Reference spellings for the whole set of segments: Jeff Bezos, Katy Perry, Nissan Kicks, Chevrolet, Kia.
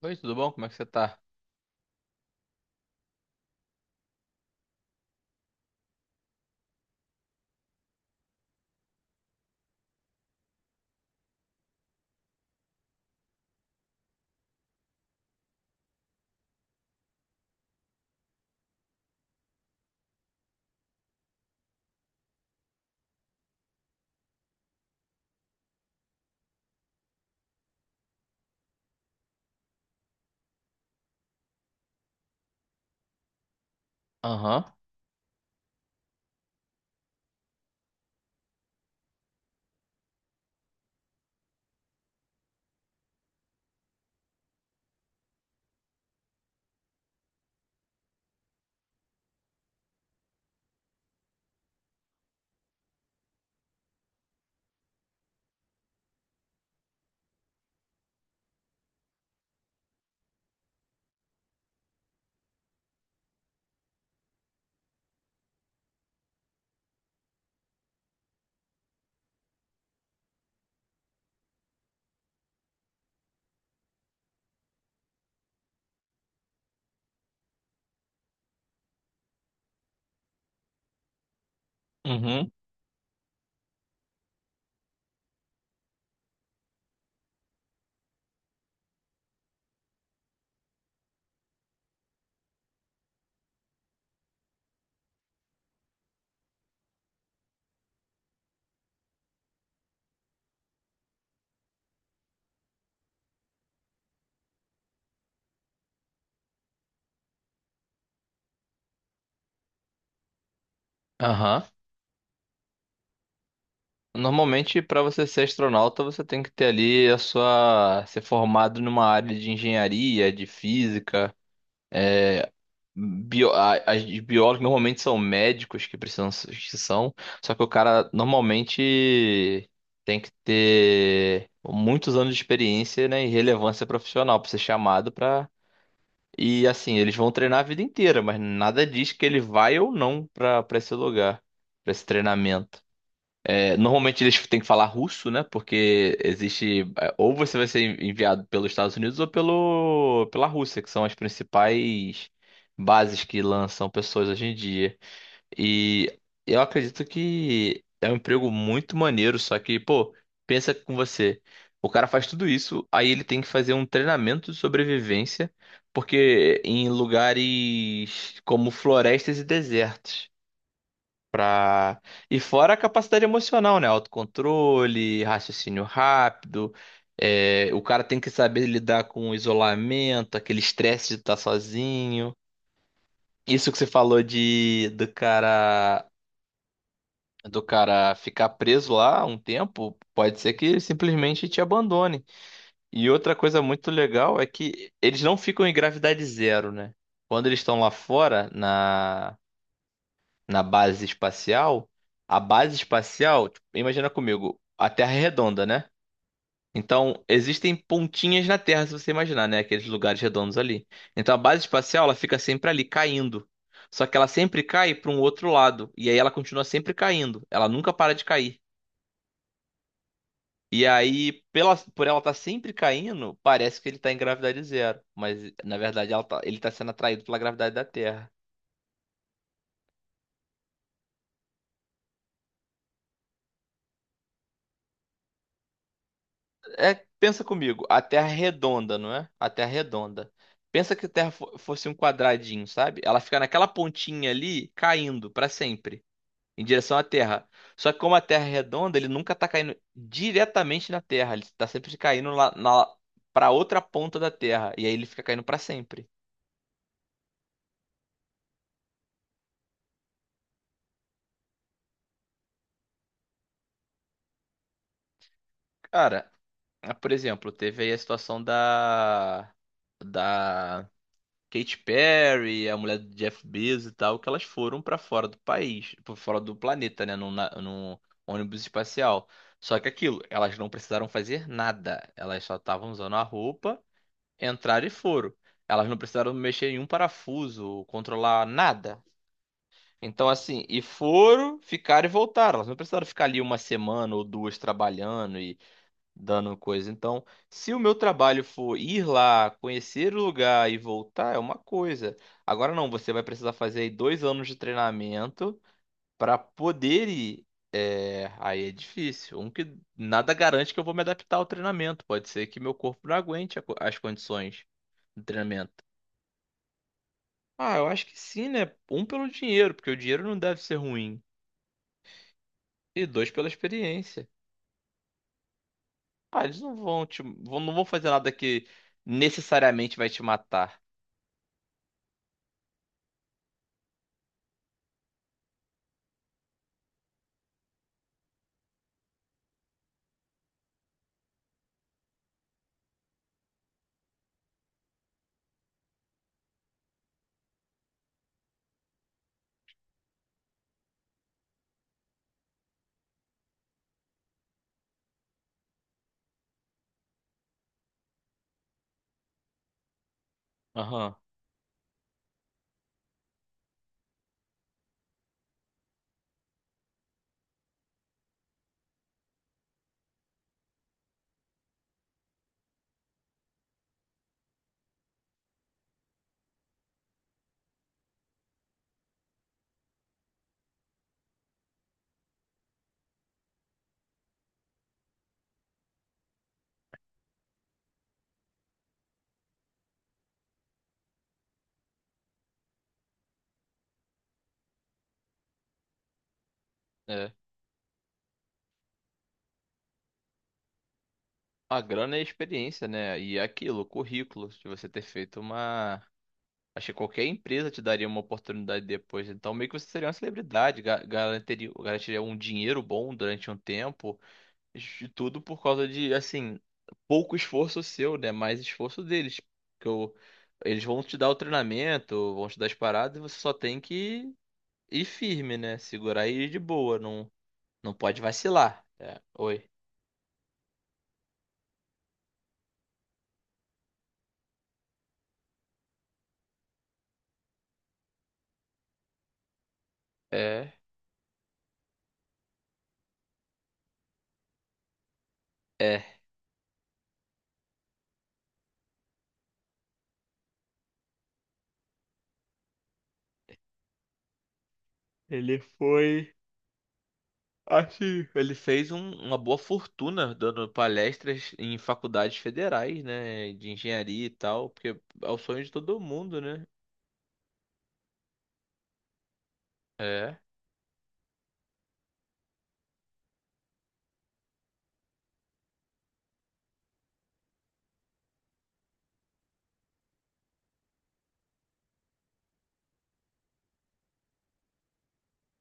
Oi, tudo bom? Como é que você tá? Aham, uhum, aham. Normalmente, para você ser astronauta, você tem que ter ali a sua... ser formado numa área de engenharia, de física. Bio... As de biólogos normalmente são médicos que precisam que são, só que o cara normalmente tem que ter muitos anos de experiência, né, e relevância profissional para ser chamado para. E assim, eles vão treinar a vida inteira, mas nada diz que ele vai ou não pra para esse lugar, pra esse treinamento. É, normalmente eles têm que falar russo, né? Porque existe, é, ou você vai ser enviado pelos Estados Unidos ou pelo pela Rússia, que são as principais bases que lançam pessoas hoje em dia. E eu acredito que é um emprego muito maneiro, só que, pô, pensa com você. O cara faz tudo isso, aí ele tem que fazer um treinamento de sobrevivência, porque em lugares como florestas e desertos. Pra... E fora a capacidade emocional, né? Autocontrole, raciocínio rápido. O cara tem que saber lidar com o isolamento, aquele estresse de estar sozinho. Isso que você falou de do cara ficar preso lá um tempo, pode ser que ele simplesmente te abandone. E outra coisa muito legal é que eles não ficam em gravidade zero, né? Quando eles estão lá fora, na base espacial, a base espacial, tipo, imagina comigo, a Terra é redonda, né? Então, existem pontinhas na Terra, se você imaginar, né? Aqueles lugares redondos ali. Então, a base espacial, ela fica sempre ali, caindo. Só que ela sempre cai para um outro lado. E aí ela continua sempre caindo. Ela nunca para de cair. E aí, por ela estar sempre caindo, parece que ele está em gravidade zero. Mas, na verdade, ele está sendo atraído pela gravidade da Terra. É, pensa comigo, a Terra é redonda, não é? A Terra é redonda. Pensa que a fosse um quadradinho, sabe? Ela fica naquela pontinha ali, caindo para sempre, em direção à Terra. Só que como a Terra é redonda, ele nunca está caindo diretamente na Terra. Ele está sempre caindo lá, para outra ponta da Terra. E aí ele fica caindo para sempre. Cara, ah, por exemplo, teve aí a situação da Katy Perry, a mulher do Jeff Bezos e tal, que elas foram pra fora do país, pra fora do planeta, né, num ônibus espacial. Só que aquilo, elas não precisaram fazer nada, elas só estavam usando a roupa, entraram e foram. Elas não precisaram mexer em um parafuso, controlar nada. Então, assim, e foram, ficaram e voltaram. Elas não precisaram ficar ali uma semana ou duas trabalhando dando coisa. Então, se o meu trabalho for ir lá, conhecer o lugar e voltar, é uma coisa. Agora não, você vai precisar fazer aí dois anos de treinamento para poder ir. É, aí é difícil. Um que nada garante que eu vou me adaptar ao treinamento. Pode ser que meu corpo não aguente a as condições do treinamento. Ah, eu acho que sim, né? Um pelo dinheiro, porque o dinheiro não deve ser ruim. E dois pela experiência. Ah, eles não vão te, não vão fazer nada que necessariamente vai te matar. Aham. É. A grana é a experiência, né? E é aquilo, o currículo, de você ter feito uma. Acho que qualquer empresa te daria uma oportunidade depois. Então, meio que você seria uma celebridade, garantiria, garantiria um dinheiro bom durante um tempo. De tudo por causa de, assim, pouco esforço seu, né? Mais esforço deles. que o- Eles vão te dar o treinamento, vão te dar as paradas, e você só tem que ir firme, né? Segurar e ir de boa. Não, não pode vacilar. É, oi. É, é. Ele foi. Acho que ele fez uma boa fortuna dando palestras em faculdades federais, né, de engenharia e tal, porque é o sonho de todo mundo, né? É.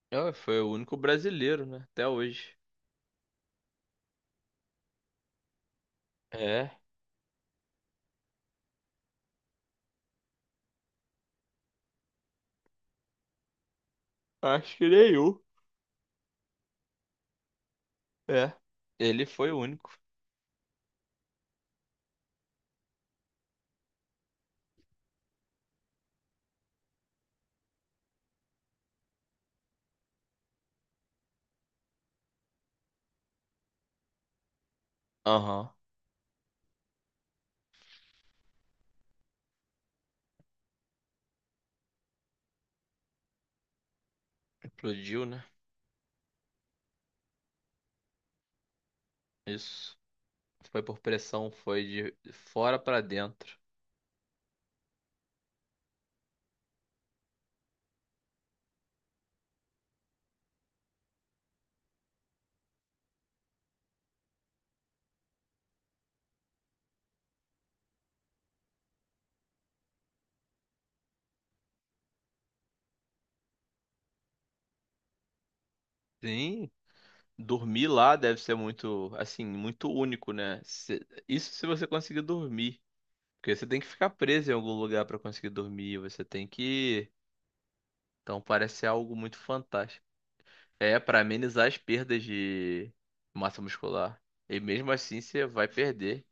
É, foi o único brasileiro, né, até hoje. É. Acho que nenhum. É. Ele foi o único. Aham. Explodiu, né? Isso. Foi por pressão, foi de fora pra dentro. Sim. Dormir lá deve ser muito, assim, muito único, né? Isso se você conseguir dormir. Porque você tem que ficar preso em algum lugar pra conseguir dormir, você tem que. Então parece ser algo muito fantástico. É pra amenizar as perdas de massa muscular. E mesmo assim você vai perder.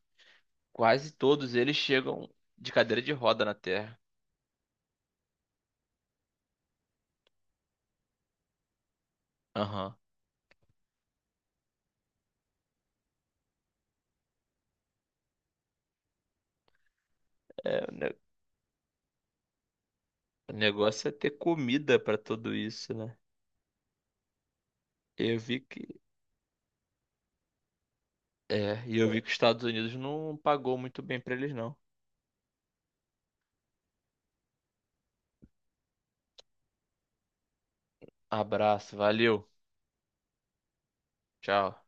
Quase todos eles chegam de cadeira de roda na Terra. Aham. É, o negócio é ter comida pra tudo isso, né? Eu vi que e eu vi que os Estados Unidos não pagou muito bem pra eles não. Abraço, valeu. Tchau.